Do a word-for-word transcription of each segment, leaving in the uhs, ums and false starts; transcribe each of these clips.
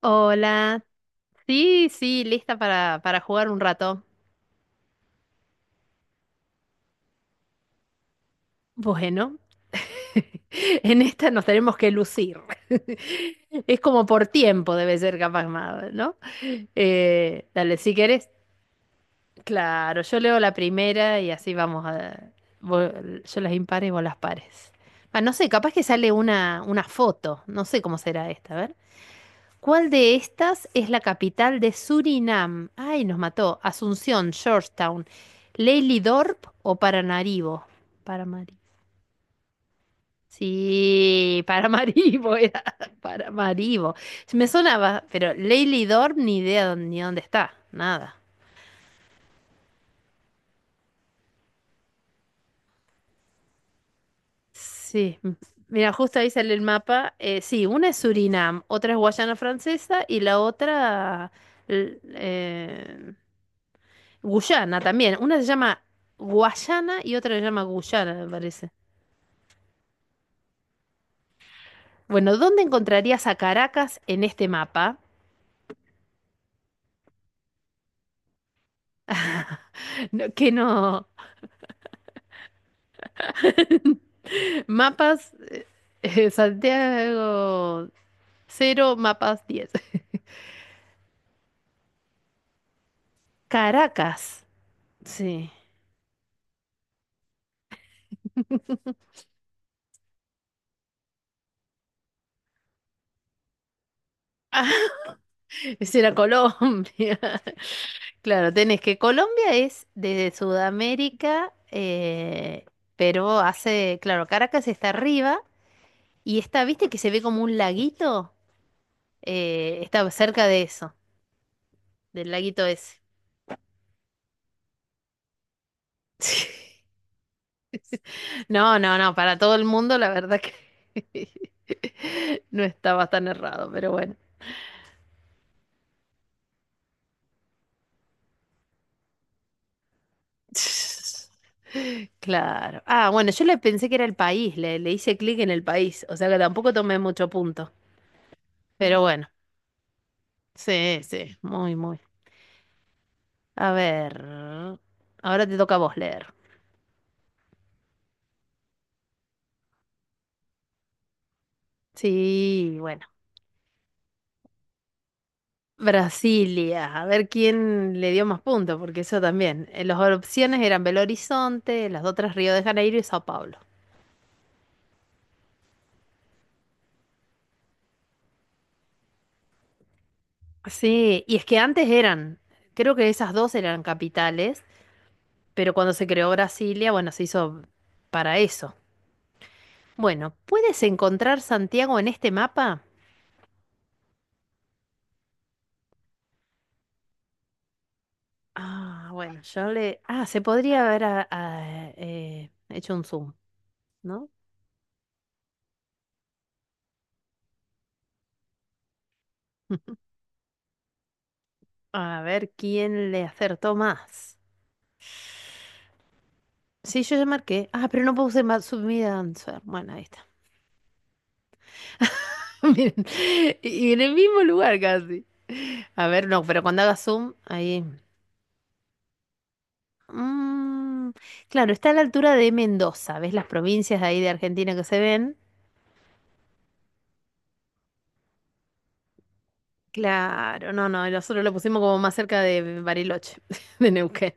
Hola, sí, sí, lista para, para jugar un rato. Bueno, en esta nos tenemos que lucir. Es como por tiempo debe ser capaz más, ¿no? Eh, dale, si querés, claro, yo leo la primera y así vamos a... vos- yo las impares y vos las pares. Ah, no sé, capaz que sale una, una foto, no sé cómo será esta, a ver. ¿Cuál de estas es la capital de Surinam? Ay, nos mató. Asunción, Georgetown, Leilidorp o Paramaribo. Paramaribo. Sí, Paramaribo era. Paramaribo. Me sonaba, pero Leilidorp ni idea dónde- ni dónde está. Nada. Sí. m- Mira, justo ahí sale el mapa. Eh, sí, una es Surinam, otra es Guayana Francesa y la otra... l- eh, Guyana también. Una se llama Guayana y otra se llama Guyana, me parece. Bueno, ¿dónde encontrarías a Caracas en este mapa? No, que no. Mapas eh, eh, Santiago cero, mapas diez. Caracas. Sí. Ah, ese era Colombia. Claro, tenés que Colombia es de Sudamérica, eh, pero hace, claro, Caracas está arriba y está, ¿viste que se ve como un laguito? Eh, está cerca de eso, del laguito ese. No, no, no, para todo el mundo la verdad que no estaba tan errado, pero bueno. Claro. Ah, bueno, yo le pensé que era el país, le, le hice clic en el país, o sea que tampoco tomé mucho punto. Pero bueno, sí, sí, muy, muy. A ver, ahora te toca a vos leer. Sí, bueno. Brasilia, a ver quién le dio más puntos, porque eso también. Eh, Las opciones eran Belo Horizonte, las otras Río de Janeiro y Sao Paulo. Sí, y es que antes eran, creo que esas dos eran capitales, pero cuando se creó Brasilia, bueno, se hizo para eso. Bueno, ¿puedes encontrar Santiago en este mapa? Ah, bueno, yo le... Ah, se podría haber ah, ah, eh, hecho un zoom, ¿no? A ver quién le acertó más. Sí, yo ya marqué. Ah, pero no puse Matsumi answer. Bueno, ahí está. Miren, y y en el mismo lugar casi. A ver, no, pero cuando haga zoom, ahí. Mm, claro, está a la altura de Mendoza. ¿Ves las provincias de ahí de Argentina que se ven? Claro, no, no, nosotros lo pusimos como más cerca de Bariloche, de Neuquén.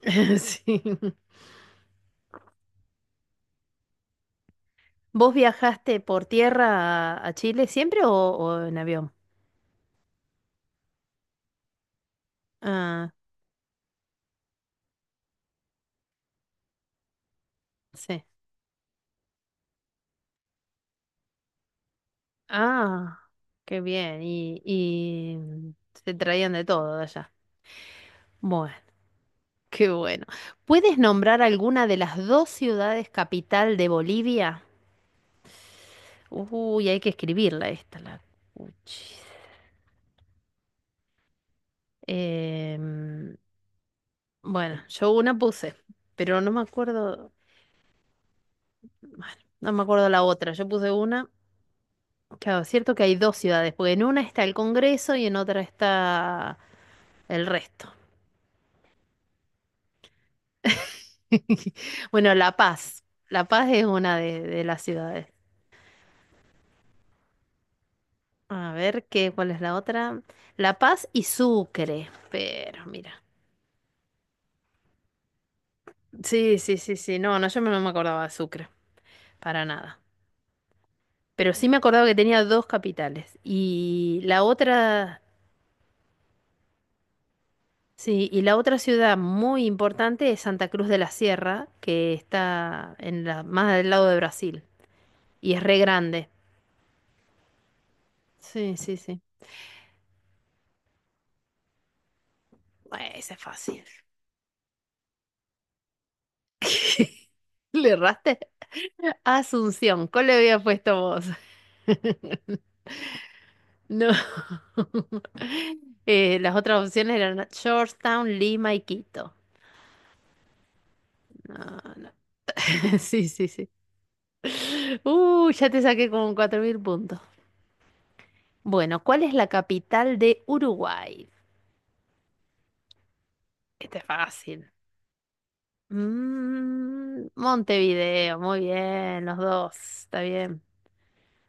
Sí. ¿Vos viajaste por tierra a, a Chile siempre o, o en avión? Ah, sí. Ah, qué bien. Y, y se traían de todo de allá. Bueno, qué bueno. ¿Puedes nombrar alguna de las dos ciudades capital de Bolivia? Uy, hay que escribirla esta, la cuchis. Em, bueno, yo una puse, pero no me acuerdo. Bueno, no me acuerdo la otra. Yo puse una. Claro, es cierto que hay dos ciudades, porque en una está el Congreso y en otra está el resto. Bueno, La Paz. La Paz es una de, de las ciudades. A ver, ¿qué, cuál es la otra? La Paz y Sucre. Pero, mira. Sí, sí, sí, sí. No, no, yo no me acordaba de Sucre. Para nada. Pero sí me acordaba que tenía dos capitales. Y la otra, sí, y la otra ciudad muy importante es Santa Cruz de la Sierra, que está en la, más del lado de Brasil. Y es re grande. Sí, sí, sí. Bueno, ese es fácil. ¿Le erraste? Asunción, ¿cuál le había puesto vos? No. Eh, las otras opciones eran Georgetown, Lima y Quito. No, no. Sí, sí, sí. Uh, ya te saqué como cuatro mil puntos. Bueno, ¿cuál es la capital de Uruguay? Este es fácil. Mm, Montevideo, muy bien, los dos, está bien.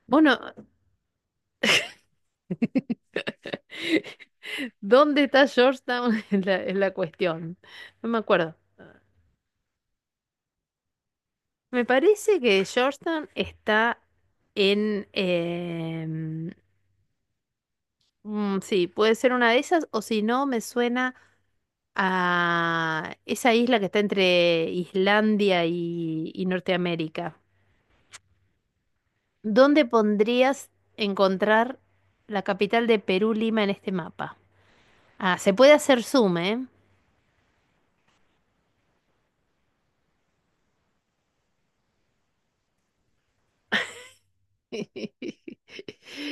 Bueno, ¿dónde está Georgetown? Es la, es la, cuestión. No me acuerdo. Me parece que Georgetown está en... em, mm, sí, puede ser una de esas, o si no, me suena a esa isla que está entre Islandia y, y Norteamérica. ¿Dónde pondrías encontrar la capital de Perú, Lima, en este mapa? Ah, se puede hacer zoom, ¿eh?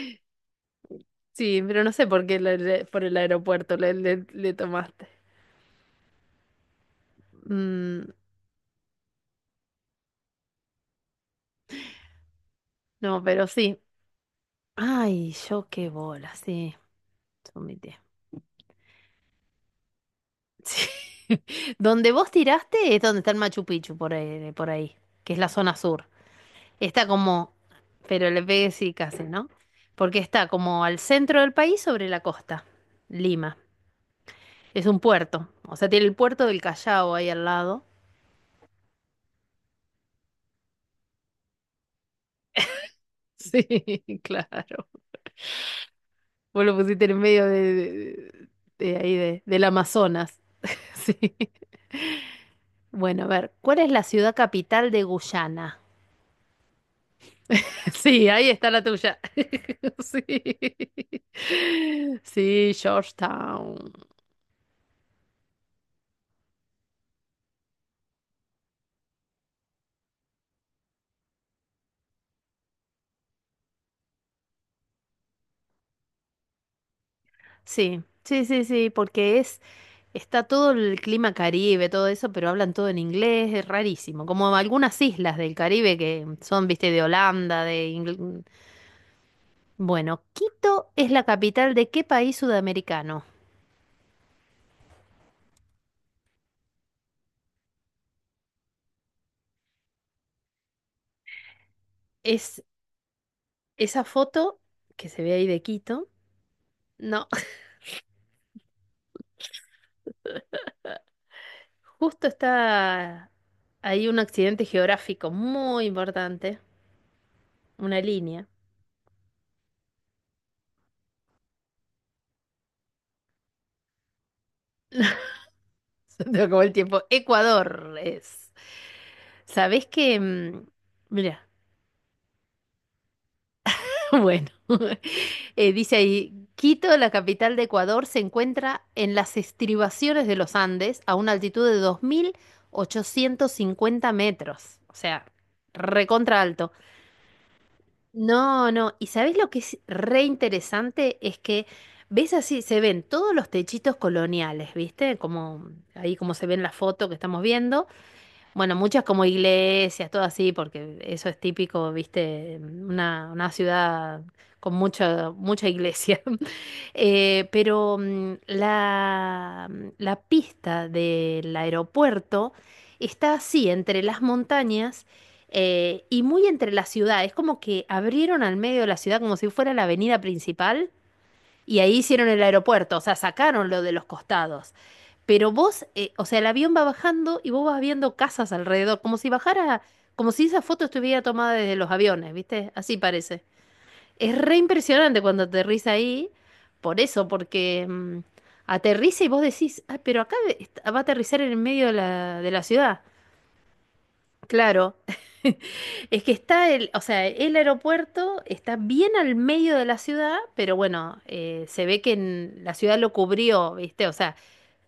Sí, pero no sé por qué le- le- por el aeropuerto le, le- le tomaste. Mm, no, pero sí. Ay, yo qué bola, sí, sumité. Sí. Donde vos tiraste es donde está el Machu Picchu, por ahí, por ahí, que es la zona sur. Está como, pero le pegué sí casi, ¿no? Porque está como al centro del país sobre la costa, Lima. Es un puerto, o sea, tiene el puerto del Callao ahí al lado. Sí, claro. Vos lo pusiste en medio de, de- de ahí, de- del Amazonas. Sí. Bueno, a ver, ¿cuál es la ciudad capital de Guyana? Sí, ahí está la tuya. Sí. Sí, Georgetown. Sí, sí, sí, sí, porque es, está todo el clima Caribe, todo eso, pero hablan todo en inglés, es rarísimo. Como algunas islas del Caribe que son, viste, de Holanda, de Ingl- Bueno, Quito es la capital de qué país sudamericano. Es esa foto que se ve ahí de Quito. No, justo está ahí un accidente geográfico muy importante. Una línea. Se te acabó el tiempo. Ecuador es. ¿Sabés que... mm, Mira, bueno. Eh, dice ahí, Quito, la capital de Ecuador, se encuentra en las estribaciones de los Andes a una altitud de dos mil ochocientos cincuenta metros. O sea, recontra alto. No, no. ¿Y sabés lo que es re interesante? Es que ves así, se ven todos los techitos coloniales, ¿viste? Como ahí como se ve en la foto que estamos viendo. Bueno, muchas como iglesias, todo así, porque eso es típico, viste, una, una ciudad con mucha, mucha iglesia. Eh, pero mm, la, la, pista del aeropuerto está así, entre las montañas eh, y muy entre la ciudad. Es como que abrieron al medio de la ciudad como si fuera la avenida principal y ahí hicieron el aeropuerto, o sea, sacaron lo de los costados. Pero vos, eh, o sea, el avión va bajando y vos vas viendo casas alrededor, como si bajara, como si esa foto estuviera tomada desde los aviones, ¿viste? Así parece. Es re impresionante cuando aterriza ahí, por eso, porque mm, aterriza y vos decís, ah, pero acá de- est- va a aterrizar en el medio de la, de la ciudad. Claro, es que está el, o sea, el aeropuerto está bien al medio de la ciudad, pero bueno, eh, se ve que en- la ciudad lo cubrió, ¿viste? O sea,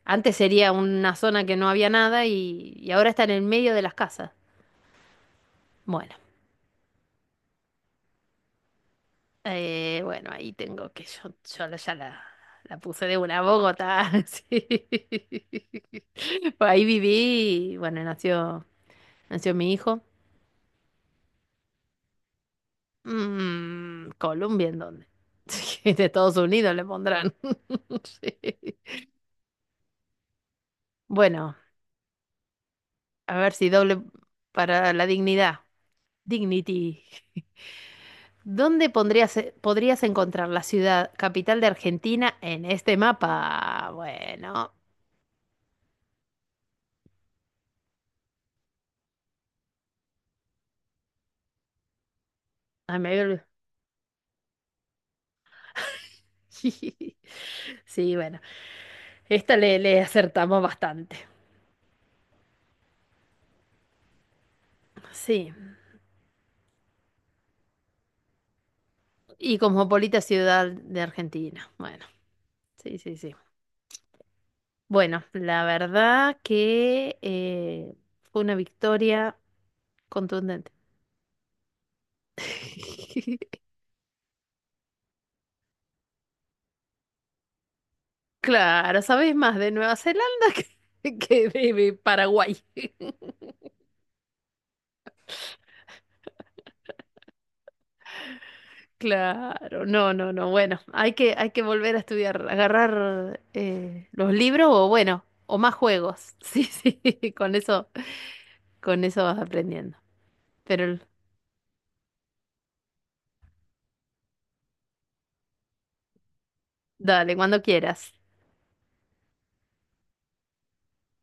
antes sería una zona que no había nada y, y ahora está en el medio de las casas. Bueno, eh, bueno, ahí tengo que yo, yo la- ya la, la puse de una Bogotá. Sí. Pues ahí viví, y, bueno, nació, nació mi hijo. Mm, Colombia, ¿en dónde? Sí, de Estados Unidos le pondrán. Sí. Bueno, a ver si doble para la dignidad. Dignity. ¿Dónde pondrías, eh, podrías encontrar la ciudad capital de Argentina en este mapa? Bueno, ay, me había olvidado. Sí, bueno, esta le, le acertamos bastante. Sí, y cosmopolita ciudad de Argentina. Bueno, sí, sí, sí. Bueno, la verdad que eh, fue una victoria contundente. Claro, sabes más de Nueva Zelanda que, que de de Paraguay. Claro, no, no, no. Bueno, hay que, hay que volver a estudiar, agarrar eh, los libros o bueno, o más juegos. Sí, sí, con eso, con eso vas aprendiendo. Pero dale, cuando quieras.